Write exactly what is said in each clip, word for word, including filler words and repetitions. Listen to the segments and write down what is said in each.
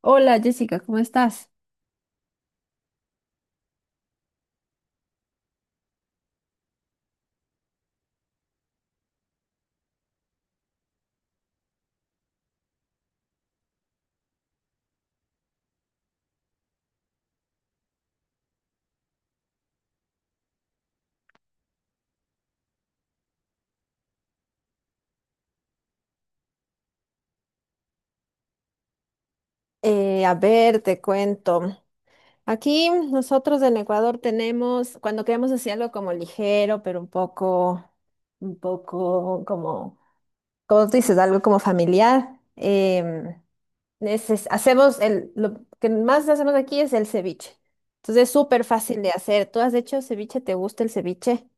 Hola, Jessica, ¿cómo estás? Eh, a ver, te cuento. Aquí nosotros en Ecuador tenemos, cuando queremos hacer algo como ligero, pero un poco, un poco como, como tú dices, algo como familiar, em, neces- hacemos el, lo que más hacemos aquí es el ceviche. Entonces es súper fácil de hacer. ¿Tú has hecho ceviche? ¿Te gusta el ceviche?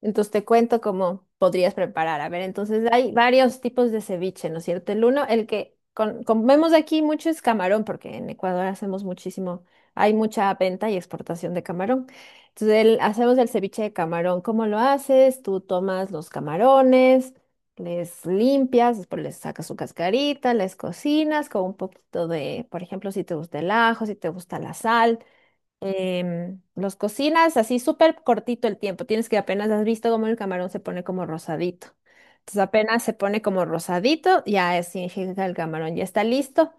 Entonces te cuento cómo podrías preparar. A ver, entonces hay varios tipos de ceviche, ¿no es cierto? El uno, el que con- comemos aquí mucho es camarón, porque en Ecuador hacemos muchísimo, hay mucha venta y exportación de camarón. Entonces el- hacemos el ceviche de camarón. ¿Cómo lo haces? Tú tomas los camarones, les limpias, después les sacas su cascarita, les cocinas con un poquito de, por ejemplo, si te gusta el ajo, si te gusta la sal, em, los cocinas así súper cortito el tiempo. Tienes que apenas has visto cómo el camarón se pone como rosadito. Entonces apenas se pone como rosadito, ya es- significa que el camarón ya está listo.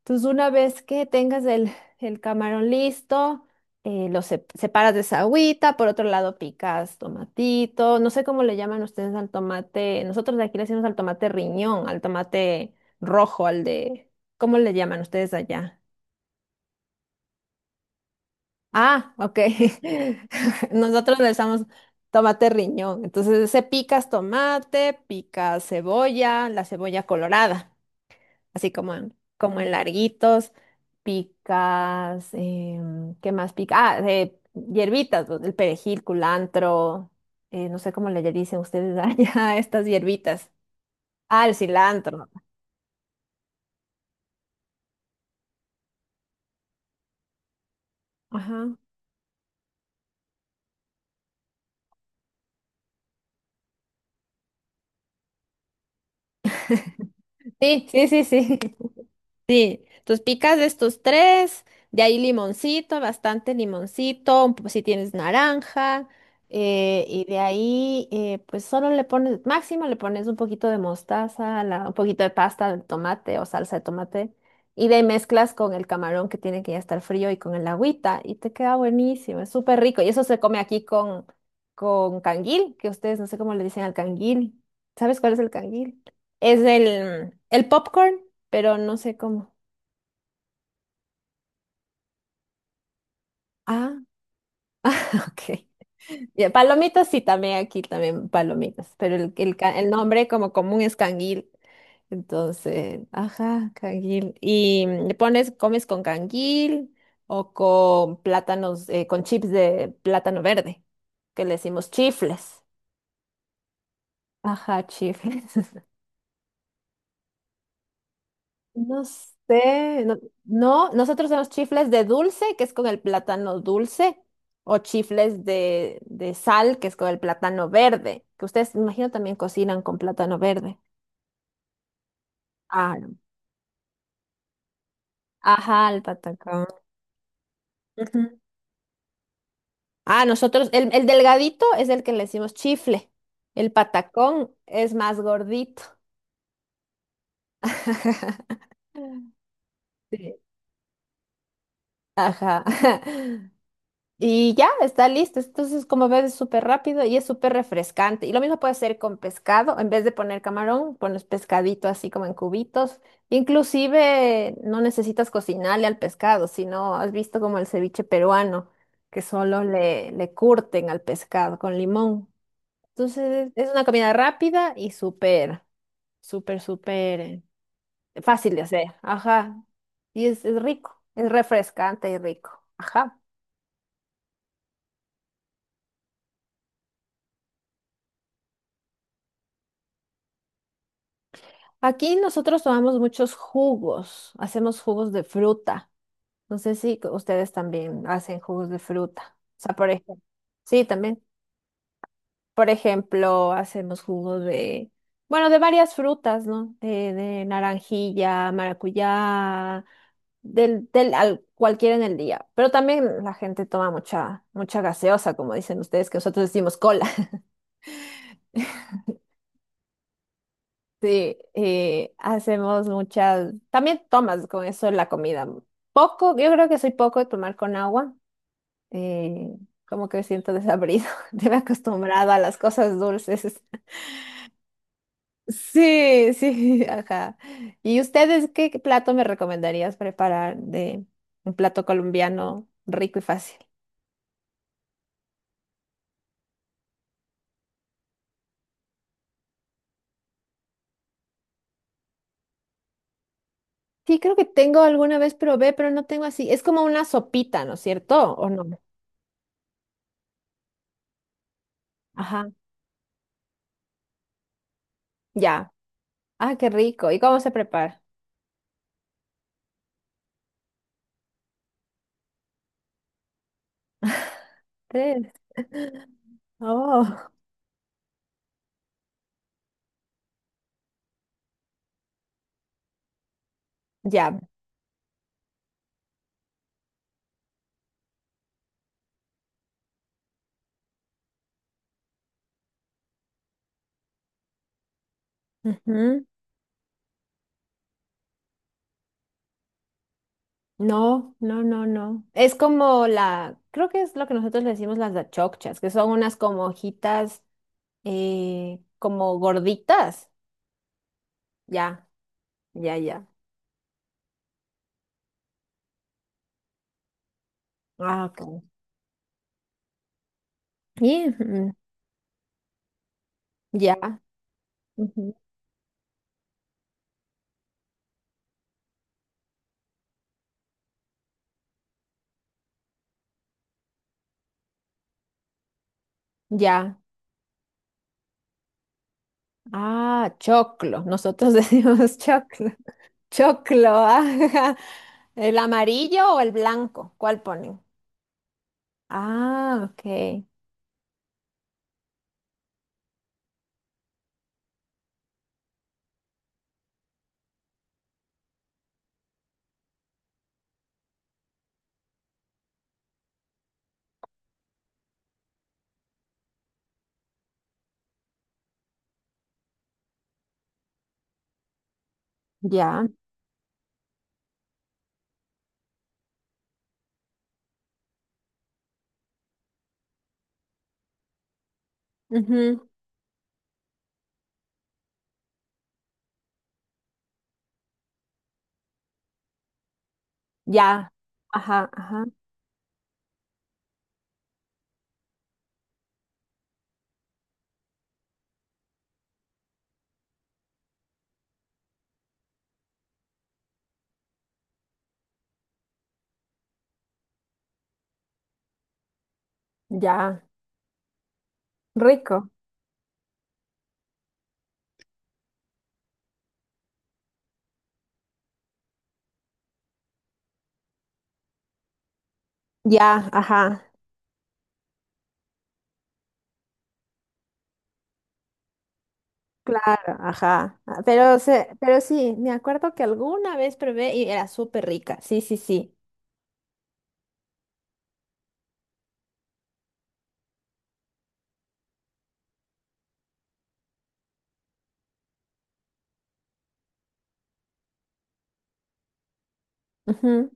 Entonces una vez que tengas el, el camarón listo, eh, lo sep- separas de esa agüita. Por otro lado picas tomatito. No sé cómo le llaman ustedes al tomate. Nosotros de aquí le decimos al tomate riñón, al tomate rojo, al de... ¿Cómo le llaman ustedes allá? Ah, ok. Nosotros le usamos tomate riñón. Entonces, se picas tomate, picas cebolla, la cebolla colorada, así como en, como en larguitos, picas, em, ¿qué más pica? Ah, eh, hierbitas, pues, el perejil, culantro, eh, no sé cómo le dicen ustedes allá a estas hierbitas. Ah, el cilantro. Ajá. Sí, sí, sí, sí. Sí, entonces picas de estos tres, de ahí limoncito, bastante limoncito, un po- si tienes naranja, eh, y de ahí eh, pues solo le pones, máximo le pones un poquito de mostaza, la- un poquito de pasta de tomate o salsa de tomate, y de ahí mezclas con el camarón que tiene que ya estar frío y con el agüita, y te queda buenísimo, es súper rico, y eso se come aquí con, con canguil, que ustedes no sé cómo le dicen al canguil. ¿Sabes cuál es el canguil? Es el, el popcorn, pero no sé cómo. Ah, ok. Ya, palomitas sí, también aquí también palomitas, pero el, el, ca- el nombre como común es canguil. Entonces, ajá, canguil. Y mm, le pones, comes con canguil o con plátanos, eh, con chips de plátano verde, que le decimos chifles. Ajá, chifles. No sé, no, no, nosotros tenemos chifles de dulce, que es con el plátano dulce, o chifles de, de sal, que es con el plátano verde, que ustedes, me imagino, también cocinan con plátano verde. Ah, no. Ajá, el patacón. Ujú. Ah, nosotros, el, el delgadito es el que le decimos chifle, el patacón es más gordito. Sí. Ajá. Y ya, está listo. Entonces, como ves, es súper rápido y es súper refrescante. Y lo mismo puede hacer con pescado. En vez de poner camarón, pones pescadito así como en cubitos. Inclusive no necesitas cocinarle al pescado, sino has visto como el ceviche peruano, que solo le, le curten al pescado con limón. Entonces, es una comida rápida y súper, súper, súper eh, fácil de hacer. Ajá. Y es, es rico, es refrescante y rico. Ajá. Aquí nosotros tomamos muchos jugos, hacemos jugos de fruta. No sé si c- ustedes también hacen jugos de fruta. O sea, por ejemplo, sí, también. Por ejemplo, hacemos jugos de, bueno, de varias frutas, ¿no? De, de naranjilla, maracuyá, del, del al, cualquiera en el día. Pero también la gente toma mucha, mucha gaseosa, como dicen ustedes, que nosotros decimos cola. Sí, eh, hacemos muchas, también tomas con eso la comida. Poco, yo creo que soy poco de tomar con agua, eh, como que me siento desabrido, me he acostumbrado a las cosas dulces. Sí, sí, ajá. ¿Y ustedes qué plato me recomendarías preparar de un plato colombiano rico y fácil? Sí, creo que tengo alguna vez probé, pero no tengo así. Es como una sopita, ¿no es cierto? ¿O no? Ajá, ya. Ah, qué rico. ¿Y cómo se prepara? Tres. Oh, ya. Ujú. No, no, no, no. Es como la, creo que es lo que nosotros le decimos las dachocchas, que son unas como hojitas, eh, como gorditas. Ya, ya, ya. Ah, ok. Y, mm, ya, ujú, ya. Ah, choclo. Nosotros decimos choclo. Choclo, ajá. ¿El amarillo o el blanco? ¿Cuál ponen? Ah, ok. Ya. Ujú. Ya, ajá, ajá, ya, rico, ya, ajá, claro, ajá. Ah, Pero, se, pero sí, me acuerdo que alguna vez probé y era súper rica, sí, sí, sí. Ujú.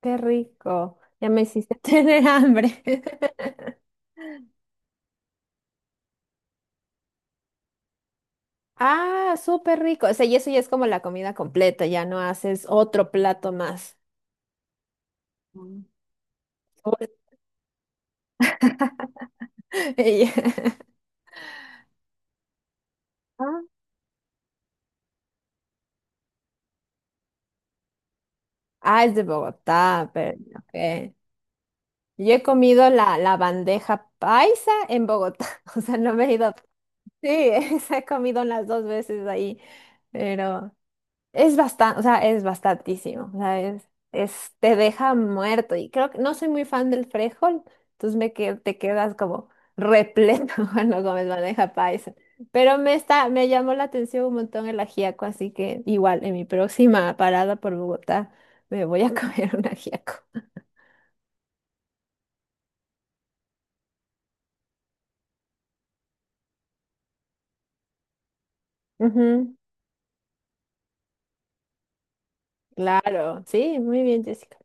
Qué rico, ya me hiciste tener hambre. Ah, súper rico, o sea, y eso ya es como la comida completa, ya no haces otro plato más. Mm. Ya. Ah, ah, es de Bogotá, pero, ok. Yo he comido la, la bandeja paisa en Bogotá, o sea, no me he ido. Sí, esa he comido las dos veces ahí, pero es bastante, o sea, es bastantísimo, o sea, es, es- te deja muerto y creo que no soy muy fan del frijol, entonces me que, te quedas como repleto cuando comes bandeja paisa, pero me está, me llamó la atención un montón el ajiaco, así que igual en mi próxima parada por Bogotá me voy a comer un ajiaco. Ujú. Claro, sí, muy bien, Jessica.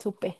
Supe.